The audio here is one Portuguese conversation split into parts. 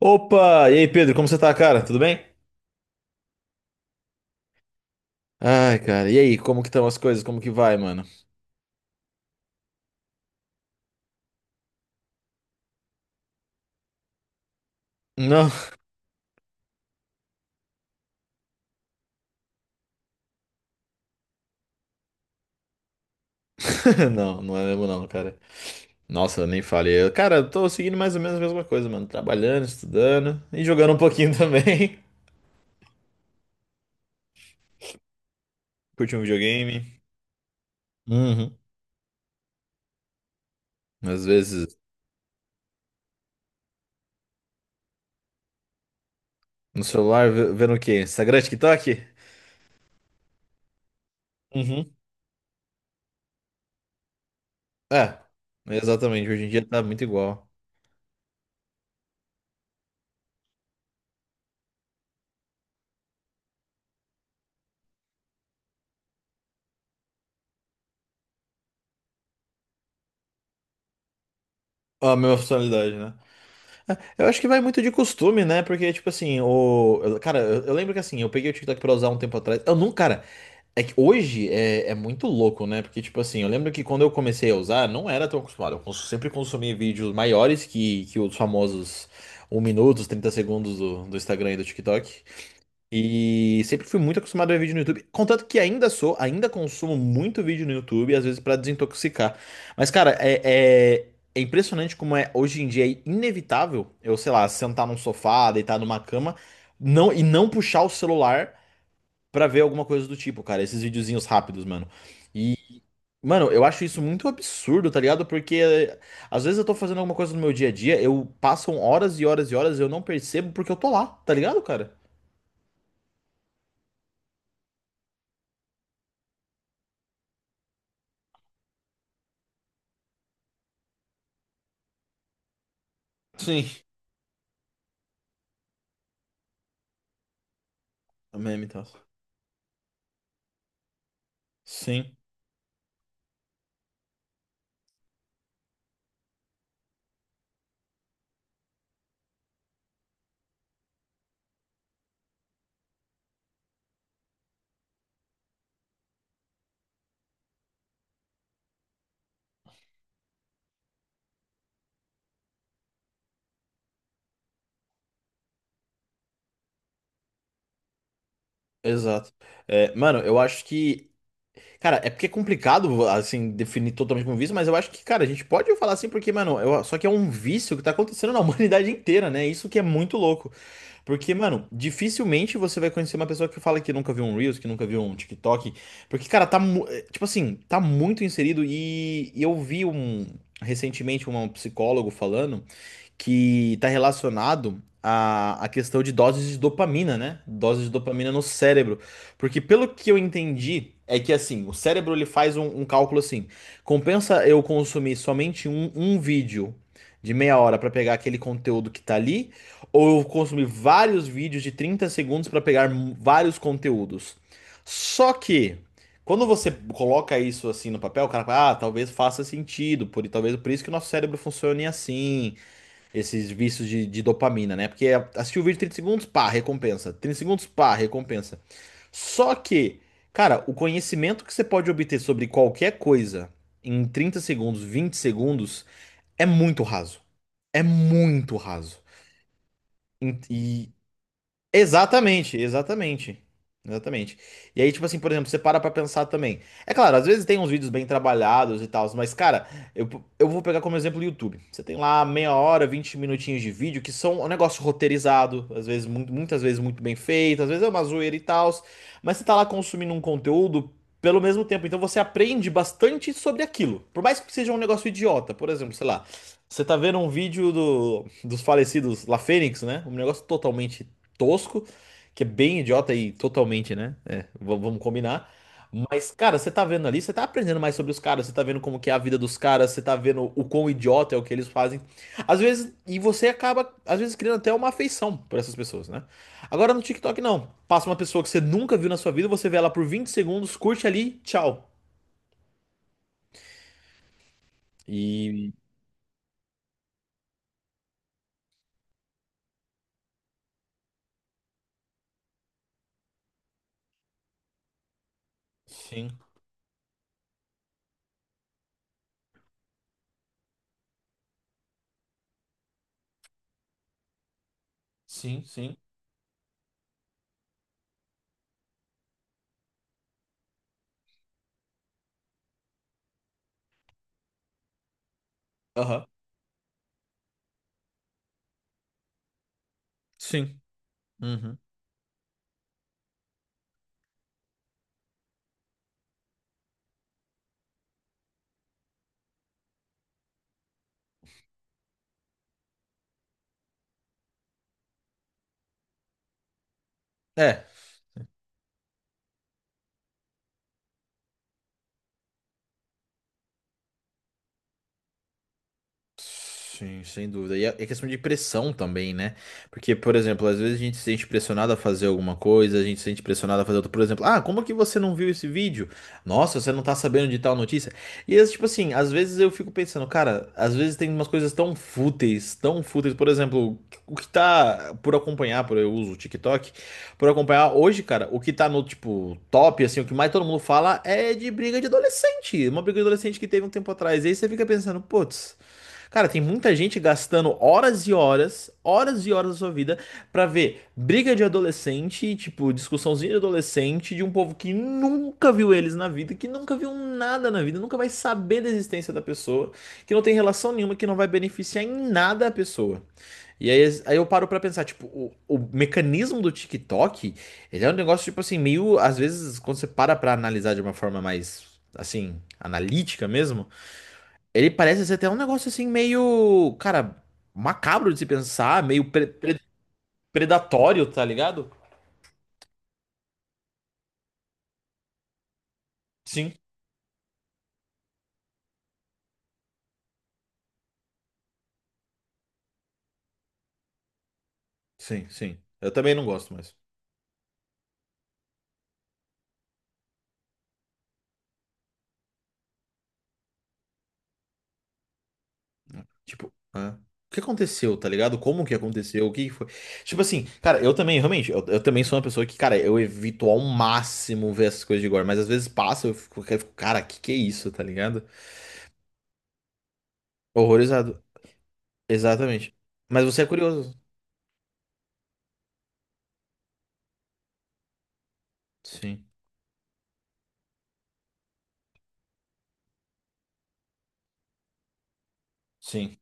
Opa! E aí, Pedro, como você tá, cara? Tudo bem? Ai, cara, e aí, como que estão as coisas? Como que vai, mano? Não, não, não é mesmo não, cara. Nossa, eu nem falei. Cara, eu tô seguindo mais ou menos a mesma coisa, mano. Trabalhando, estudando e jogando um pouquinho também. Curti um videogame. Uhum. Às vezes, no celular, vendo o quê? Instagram, TikTok? Uhum. É, exatamente. Hoje em dia tá muito igual. A mesma funcionalidade, né? Eu acho que vai muito de costume, né? Porque, tipo assim, cara, eu lembro que assim, eu peguei o TikTok pra usar um tempo atrás. Eu não, cara, é que hoje é muito louco, né? Porque, tipo assim, eu lembro que quando eu comecei a usar, não era tão acostumado. Eu sempre consumi vídeos maiores que os famosos um minuto, os 30 segundos do Instagram e do TikTok. E sempre fui muito acostumado a ver vídeo no YouTube. Contanto que ainda sou, ainda consumo muito vídeo no YouTube, às vezes pra desintoxicar. Mas, cara, é impressionante como é hoje em dia é inevitável eu, sei lá, sentar num sofá, deitar numa cama, não e não puxar o celular pra ver alguma coisa do tipo, cara. Esses videozinhos rápidos, mano. E, mano, eu acho isso muito absurdo, tá ligado? Porque às vezes eu tô fazendo alguma coisa no meu dia a dia, eu passam horas e horas e horas e eu não percebo porque eu tô lá, tá ligado, cara? Sim. Meme, tá? Sim, exato. É, mano, eu acho que. Cara, é porque é complicado, assim, definir totalmente como vício, mas eu acho que, cara, a gente pode falar assim, porque, mano, só que é um vício que tá acontecendo na humanidade inteira, né? Isso que é muito louco. Porque, mano, dificilmente você vai conhecer uma pessoa que fala que nunca viu um Reels, que nunca viu um TikTok. Porque, cara, tá. É, tipo assim, tá muito inserido e eu vi um. Recentemente, um psicólogo falando, que está relacionado à questão de doses de dopamina, né? Doses de dopamina no cérebro. Porque pelo que eu entendi, é que assim, o cérebro ele faz um cálculo assim: compensa eu consumir somente um vídeo de meia hora para pegar aquele conteúdo que tá ali, ou eu consumir vários vídeos de 30 segundos para pegar vários conteúdos. Só que. Quando você coloca isso assim no papel, o cara fala, ah, talvez faça sentido, talvez por isso que o nosso cérebro funcione assim, esses vícios de dopamina, né? Porque é, assistir o vídeo 30 segundos, pá, recompensa. 30 segundos, pá, recompensa. Só que, cara, o conhecimento que você pode obter sobre qualquer coisa em 30 segundos, 20 segundos, é muito raso. É muito raso. E exatamente, exatamente. Exatamente. E aí, tipo assim, por exemplo, você para pra pensar também. É claro, às vezes tem uns vídeos bem trabalhados e tal, mas, cara, eu, eu vou pegar como exemplo o YouTube. Você tem lá meia hora, 20 minutinhos de vídeo que são um negócio roteirizado, às vezes, muito, muitas vezes muito bem feito, às vezes é uma zoeira e tal, mas você tá lá consumindo um conteúdo pelo mesmo tempo, então você aprende bastante sobre aquilo. Por mais que seja um negócio idiota, por exemplo, sei lá. Você tá vendo um vídeo do, dos falecidos La Fênix, né? Um negócio totalmente tosco, que é bem idiota e totalmente, né? É, vamos combinar. Mas, cara, você tá vendo ali, você tá aprendendo mais sobre os caras, você tá vendo como que é a vida dos caras, você tá vendo o quão idiota é o que eles fazem. Às vezes, e você acaba, às vezes, criando até uma afeição por essas pessoas, né? Agora no TikTok, não. Passa uma pessoa que você nunca viu na sua vida, você vê ela por 20 segundos, curte ali, tchau. E. Sim, sim, sim. Aham. Sim. Uhum. É. Sim, sem dúvida. E é questão de pressão também, né? Porque, por exemplo, às vezes a gente se sente pressionado a fazer alguma coisa, a gente se sente pressionado a fazer outra. Por exemplo, ah, como que você não viu esse vídeo? Nossa, você não tá sabendo de tal notícia? E, tipo assim, às vezes eu fico pensando, cara, às vezes tem umas coisas tão fúteis, tão fúteis. Por exemplo, o que tá por acompanhar, por eu uso o TikTok, por acompanhar hoje, cara, o que tá no, tipo, top, assim, o que mais todo mundo fala é de briga de adolescente. Uma briga de adolescente que teve um tempo atrás. E aí você fica pensando, putz. Cara, tem muita gente gastando horas e horas da sua vida pra ver briga de adolescente, tipo, discussãozinha de adolescente de um povo que nunca viu eles na vida, que nunca viu nada na vida, nunca vai saber da existência da pessoa, que não tem relação nenhuma, que não vai beneficiar em nada a pessoa. E aí, aí eu paro pra pensar, tipo, o mecanismo do TikTok, ele é um negócio, tipo assim, meio, às vezes, quando você para pra analisar de uma forma mais, assim, analítica mesmo, ele parece ser até um negócio assim meio, cara, macabro de se pensar, meio predatório, tá ligado? Sim, sim, sim. Eu também não gosto mais. Tipo, hã? O que aconteceu, tá ligado? Como que aconteceu? O que que foi? Tipo assim, cara, eu também, realmente, eu também sou uma pessoa que, cara, eu evito ao máximo ver essas coisas de gore, mas às vezes passa, eu fico, cara, que é isso, tá ligado? Horrorizado. Exatamente. Mas você é curioso. Sim. Sim.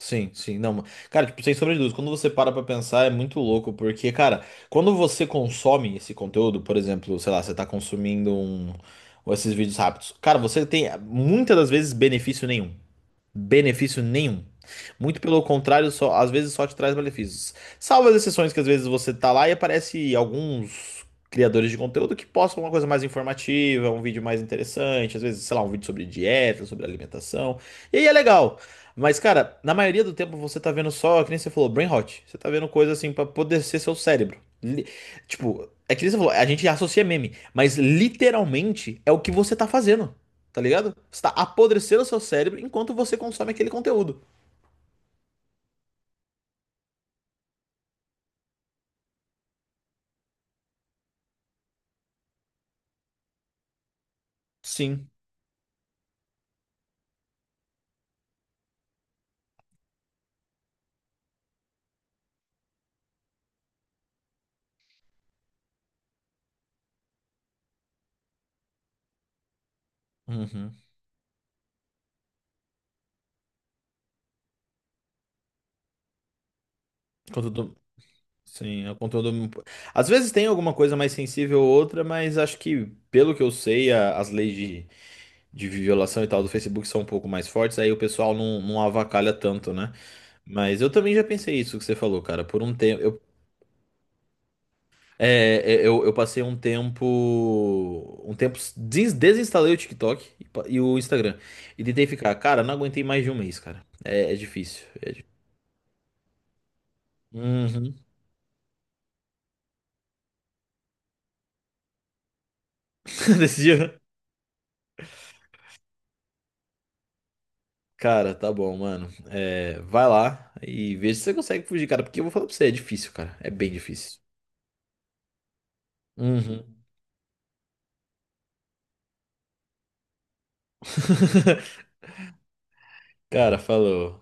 Sim, sim, não. Cara, tipo, sem sombra de dúvidas, quando você para pra pensar é muito louco, porque, cara, quando você consome esse conteúdo, por exemplo, sei lá, você tá consumindo um, ou esses vídeos rápidos, cara, você tem muitas das vezes benefício nenhum benefício nenhum. Muito pelo contrário, só, às vezes só te traz malefícios. Salvo as exceções que às vezes você tá lá e aparece alguns criadores de conteúdo que postam uma coisa mais informativa, um vídeo mais interessante, às vezes, sei lá, um vídeo sobre dieta, sobre alimentação. E aí é legal. Mas, cara, na maioria do tempo você tá vendo só, que nem você falou, brain rot. Você tá vendo coisa assim pra apodrecer seu cérebro. Li- Tipo, é que nem você falou, a gente associa meme, mas literalmente é o que você tá fazendo. Tá ligado? Você tá apodrecendo o seu cérebro enquanto você consome aquele conteúdo. Sim. Uhum. Conteúdo. Sim, é o conteúdo. Às vezes tem alguma coisa mais sensível ou outra, mas acho que, pelo que eu sei, as leis de violação e tal do Facebook são um pouco mais fortes, aí o pessoal não, não avacalha tanto, né? Mas eu também já pensei isso que você falou, cara. Por um tempo, é, é, eu passei um tempo. Um tempo. Desinstalei o TikTok e o Instagram. E tentei ficar. Cara, não aguentei mais de um mês, cara. É difícil. Uhum. Desse dia. Cara, tá bom, mano. É, vai lá e veja se você consegue fugir, cara. Porque eu vou falar pra você, é difícil, cara. É bem difícil. Uhum. Cara, falou.